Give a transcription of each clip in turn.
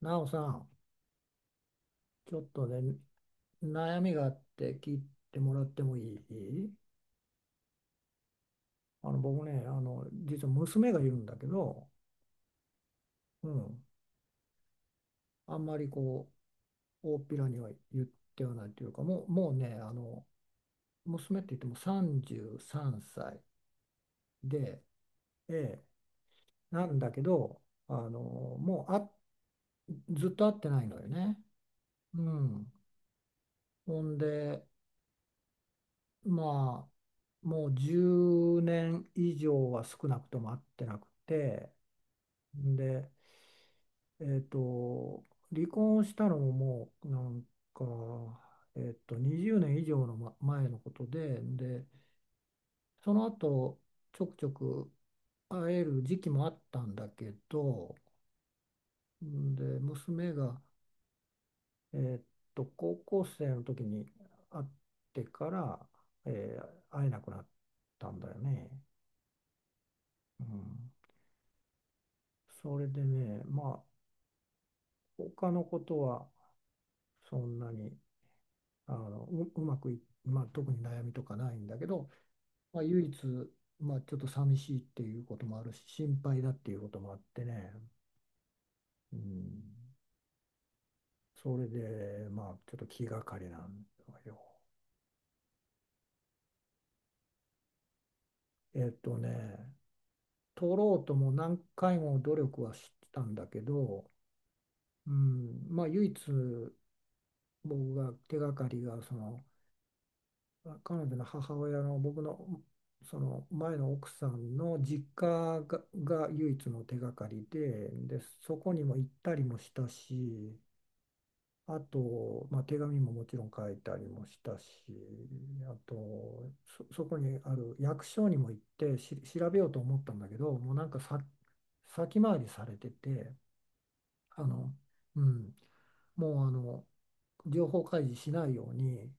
なおさん、ちょっとね、悩みがあって聞いてもらってもいい？僕ね、実は娘がいるんだけど、うん、あんまりこう、大っぴらには言ってはないというか、もうね、娘って言っても33歳で、ええ、なんだけど、もうずっと会ってないのよね。うん、ほんで、まあ、もう10年以上は少なくとも会ってなくて。で、えーと、離婚をしたのももうなんか、20年以上の前のことで、その後ちょくちょく会える時期もあったんだけど、で、娘が、えー高校生の時に会ってから、会えなくなったんだよね。うん、それでね、まあ、他のことはそんなに。うまくい、まあ、特に悩みとかないんだけど、まあ、唯一、まあ、ちょっと寂しいっていうこともあるし心配だっていうこともあってね、うん、それでまあちょっと気がかりなんだよ。えっとね取ろうとも何回も努力はしたんだけど、うん、まあ唯一僕が手がかりがその彼女の母親の僕のその前の奥さんの実家が唯一の手がかりで、そこにも行ったりもしたし、あと、まあ、手紙ももちろん書いたりもしたし、あと、そこにある役所にも行って調べようと思ったんだけど、もうなんかさ、先回りされてて、あの、うん、もうあの、情報開示しないように、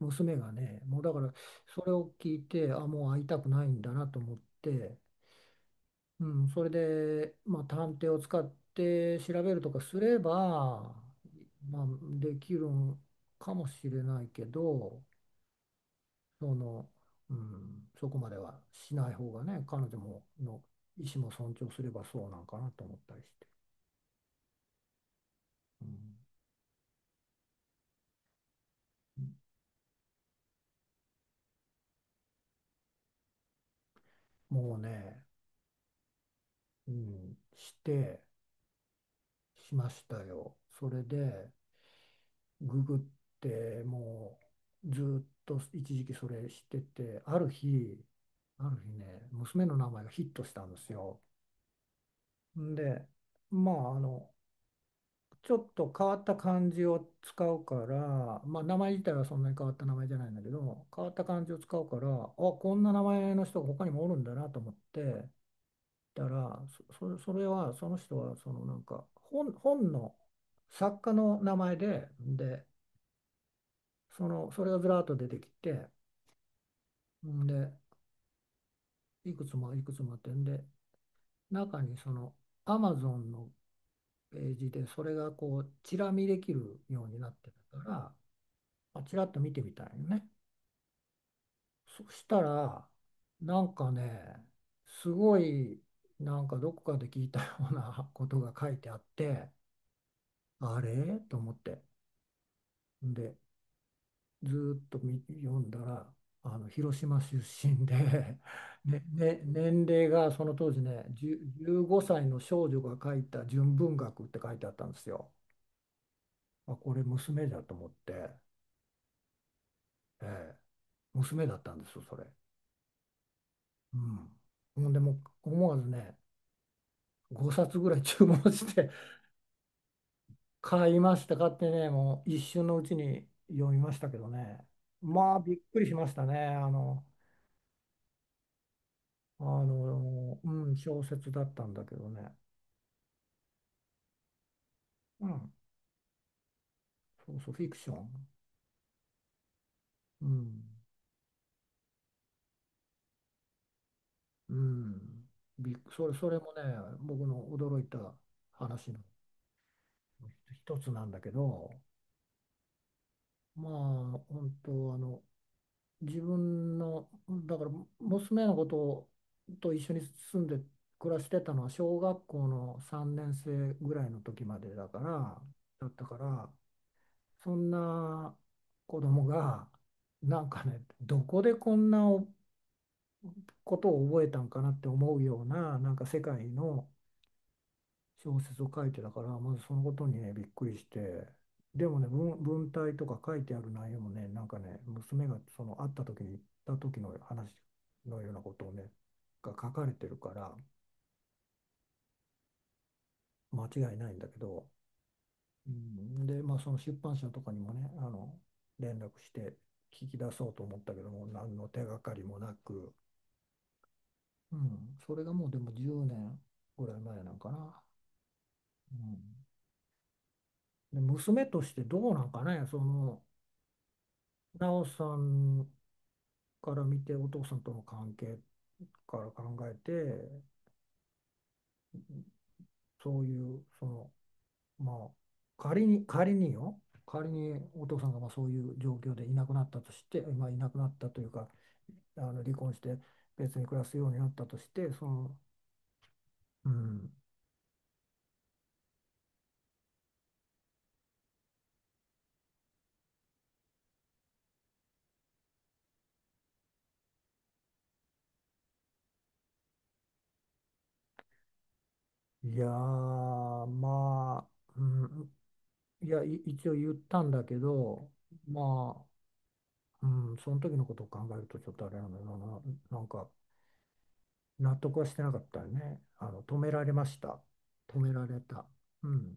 娘がね、もうだからそれを聞いて、あ、もう会いたくないんだなと思って、うん、それで、まあ、探偵を使って調べるとかすれば、まあ、できるんかもしれないけど、その、うん、そこまではしない方がね、彼女もの意思も尊重すればそうなんかなと思ったりして、うん、もうね、うん、しましたよ。それでググってもうずっと一時期それしててある日ね娘の名前がヒットしたんですよ。んでまあちょっと変わった漢字を使うからまあ名前自体はそんなに変わった名前じゃないんだけど変わった漢字を使うからこんな名前の人が他にもおるんだなと思ってたらそれはその人はなんか本の作家の名前で、それがずらっと出てきてんで、いくつもいくつもあって、んで、中にその Amazon のページでそれがこう、チラ見できるようになってたから、あ、チラッと見てみたいよね。そしたら、なんかね、すごい、なんかどこかで聞いたようなことが書いてあって、あれと思って。んで、ずっと読んだら広島出身で ね、年齢がその当時ね10 15歳の少女が書いた純文学って書いてあったんですよ。あ、これ娘だと思って、ええ、娘だったんですよそれ。うん、ほんでもう思わずね5冊ぐらい注文して 買いました買ってねもう一瞬のうちに読みましたけどねまあびっくりしましたね小説だったんだけどね。うん、そうそう、フィクション。うん、うん。それもね、僕の驚いた話の一つなんだけど、まあ、本当、自分の、だから、娘のことと一緒に住んで暮らしてたのは、小学校の3年生ぐらいの時までだから、だったから、そんな子供が、なんかね、どこでこんなことを覚えたんかなって思うようななんか世界の小説を書いてたからまずそのことにねびっくりしてでもね文体とか書いてある内容もねなんかね娘がその会った時に行った時の話のようなことをねが書かれてるから間違いないんだけど、うん、でまあその出版社とかにもね連絡して聞き出そうと思ったけども何の手がかりもなく、うん、それがもうでも10年ぐらい前なんかな。うんで娘としてどうなんかね、なおさんから見て、お父さんとの関係から考えて、そういう、まあ、仮にお父さんがまあそういう状況でいなくなったとして、まあ、いなくなったというか、離婚して別に暮らすようになったとして、うん、いやー、うん、いや、一応言ったんだけど、まあ、うん、その時のことを考えるとちょっとあれなんだよな、なんか納得はしてなかったよね。止められました。止められた。うん。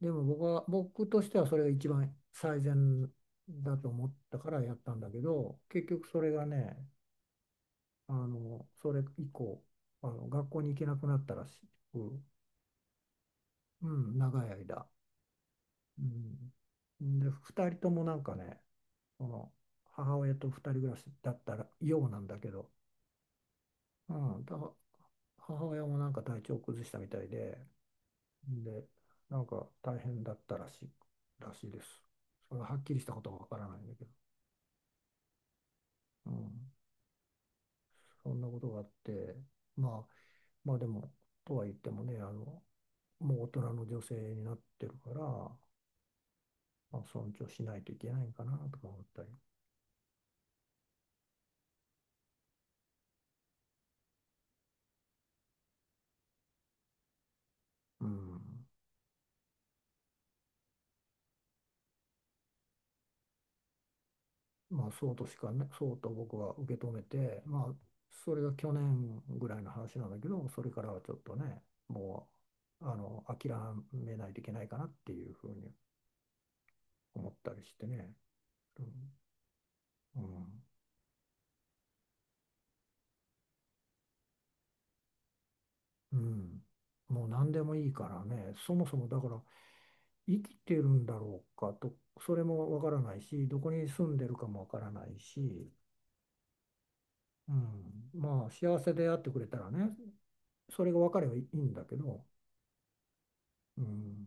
でも僕は、僕としてはそれが一番最善だと思ったからやったんだけど、結局それがね、それ以降、学校に行けなくなったらしく、うん、長い間。うん。で、2人ともなんかね、その母親と二人暮らしだったらようなんだけど、うん、母親もなんか体調崩したみたいで、で、なんか大変だったらしいです。それははっきりしたことはわからないんだけど、うん、そんなことがあって、まあ、まあでも、とは言ってもね、もう大人の女性になってるから、まあ、尊重しないといけないかなとか思ったり。うんまあ、そうとしかね、そうと僕は受け止めて、まあ、それが去年ぐらいの話なんだけど、それからはちょっとね、もう、諦めないといけないかなっていうふうに思ったりしてね。うん、うん、うんもう何でもいいからね、そもそもだから、生きてるんだろうかと、それもわからないし、どこに住んでるかもわからないし、うん、まあ、幸せであってくれたらね、それが分かればいいんだけど、うん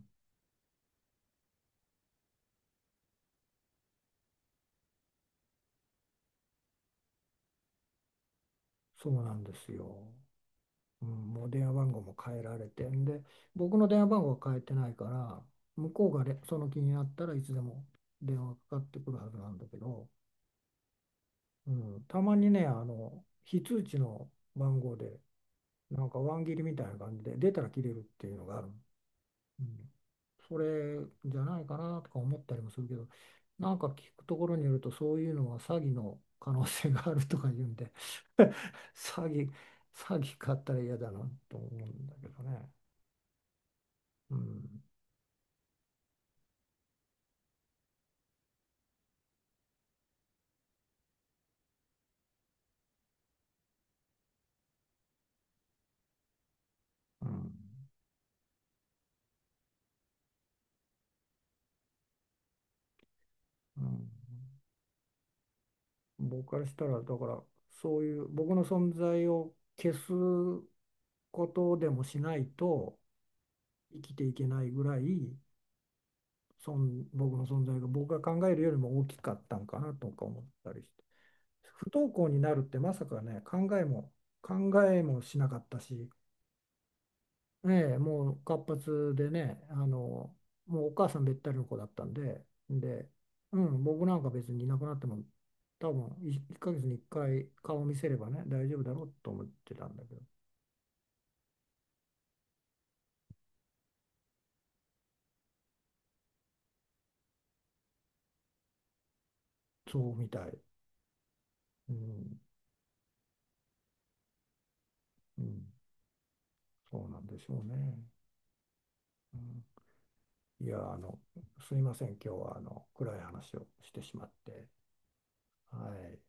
そうなんですよ。うん、もう電話番号も変えられてんで僕の電話番号は変えてないから向こうがその気になったらいつでも電話かかってくるはずなんだけど、うん、たまにね非通知の番号でなんかワン切りみたいな感じで出たら切れるっていうのがあるうん、それじゃないかなとか思ったりもするけど、なんか聞くところによると、そういうのは詐欺の可能性があるとか言うんで 詐欺、詐欺買ったら嫌だなと思うんだけどね。うん、うん、うん。僕からしたら、だから、そういう僕の存在を消すことでもしないと生きていけないぐらい、僕の存在が僕が考えるよりも大きかったんかなとか思ったりして。不登校になるってまさかね、考えもしなかったし、ええ、もう活発でね、もうお母さんべったりの子だったんで、で、うん、僕なんか別にいなくなっても、多分1ヶ月に1回顔を見せればね、大丈夫だろうと思ってたんだけど、そうみたい。うん、うん、そうなんでしょうね。うんいや、すいません、今日は暗い話をしてしまって、はい、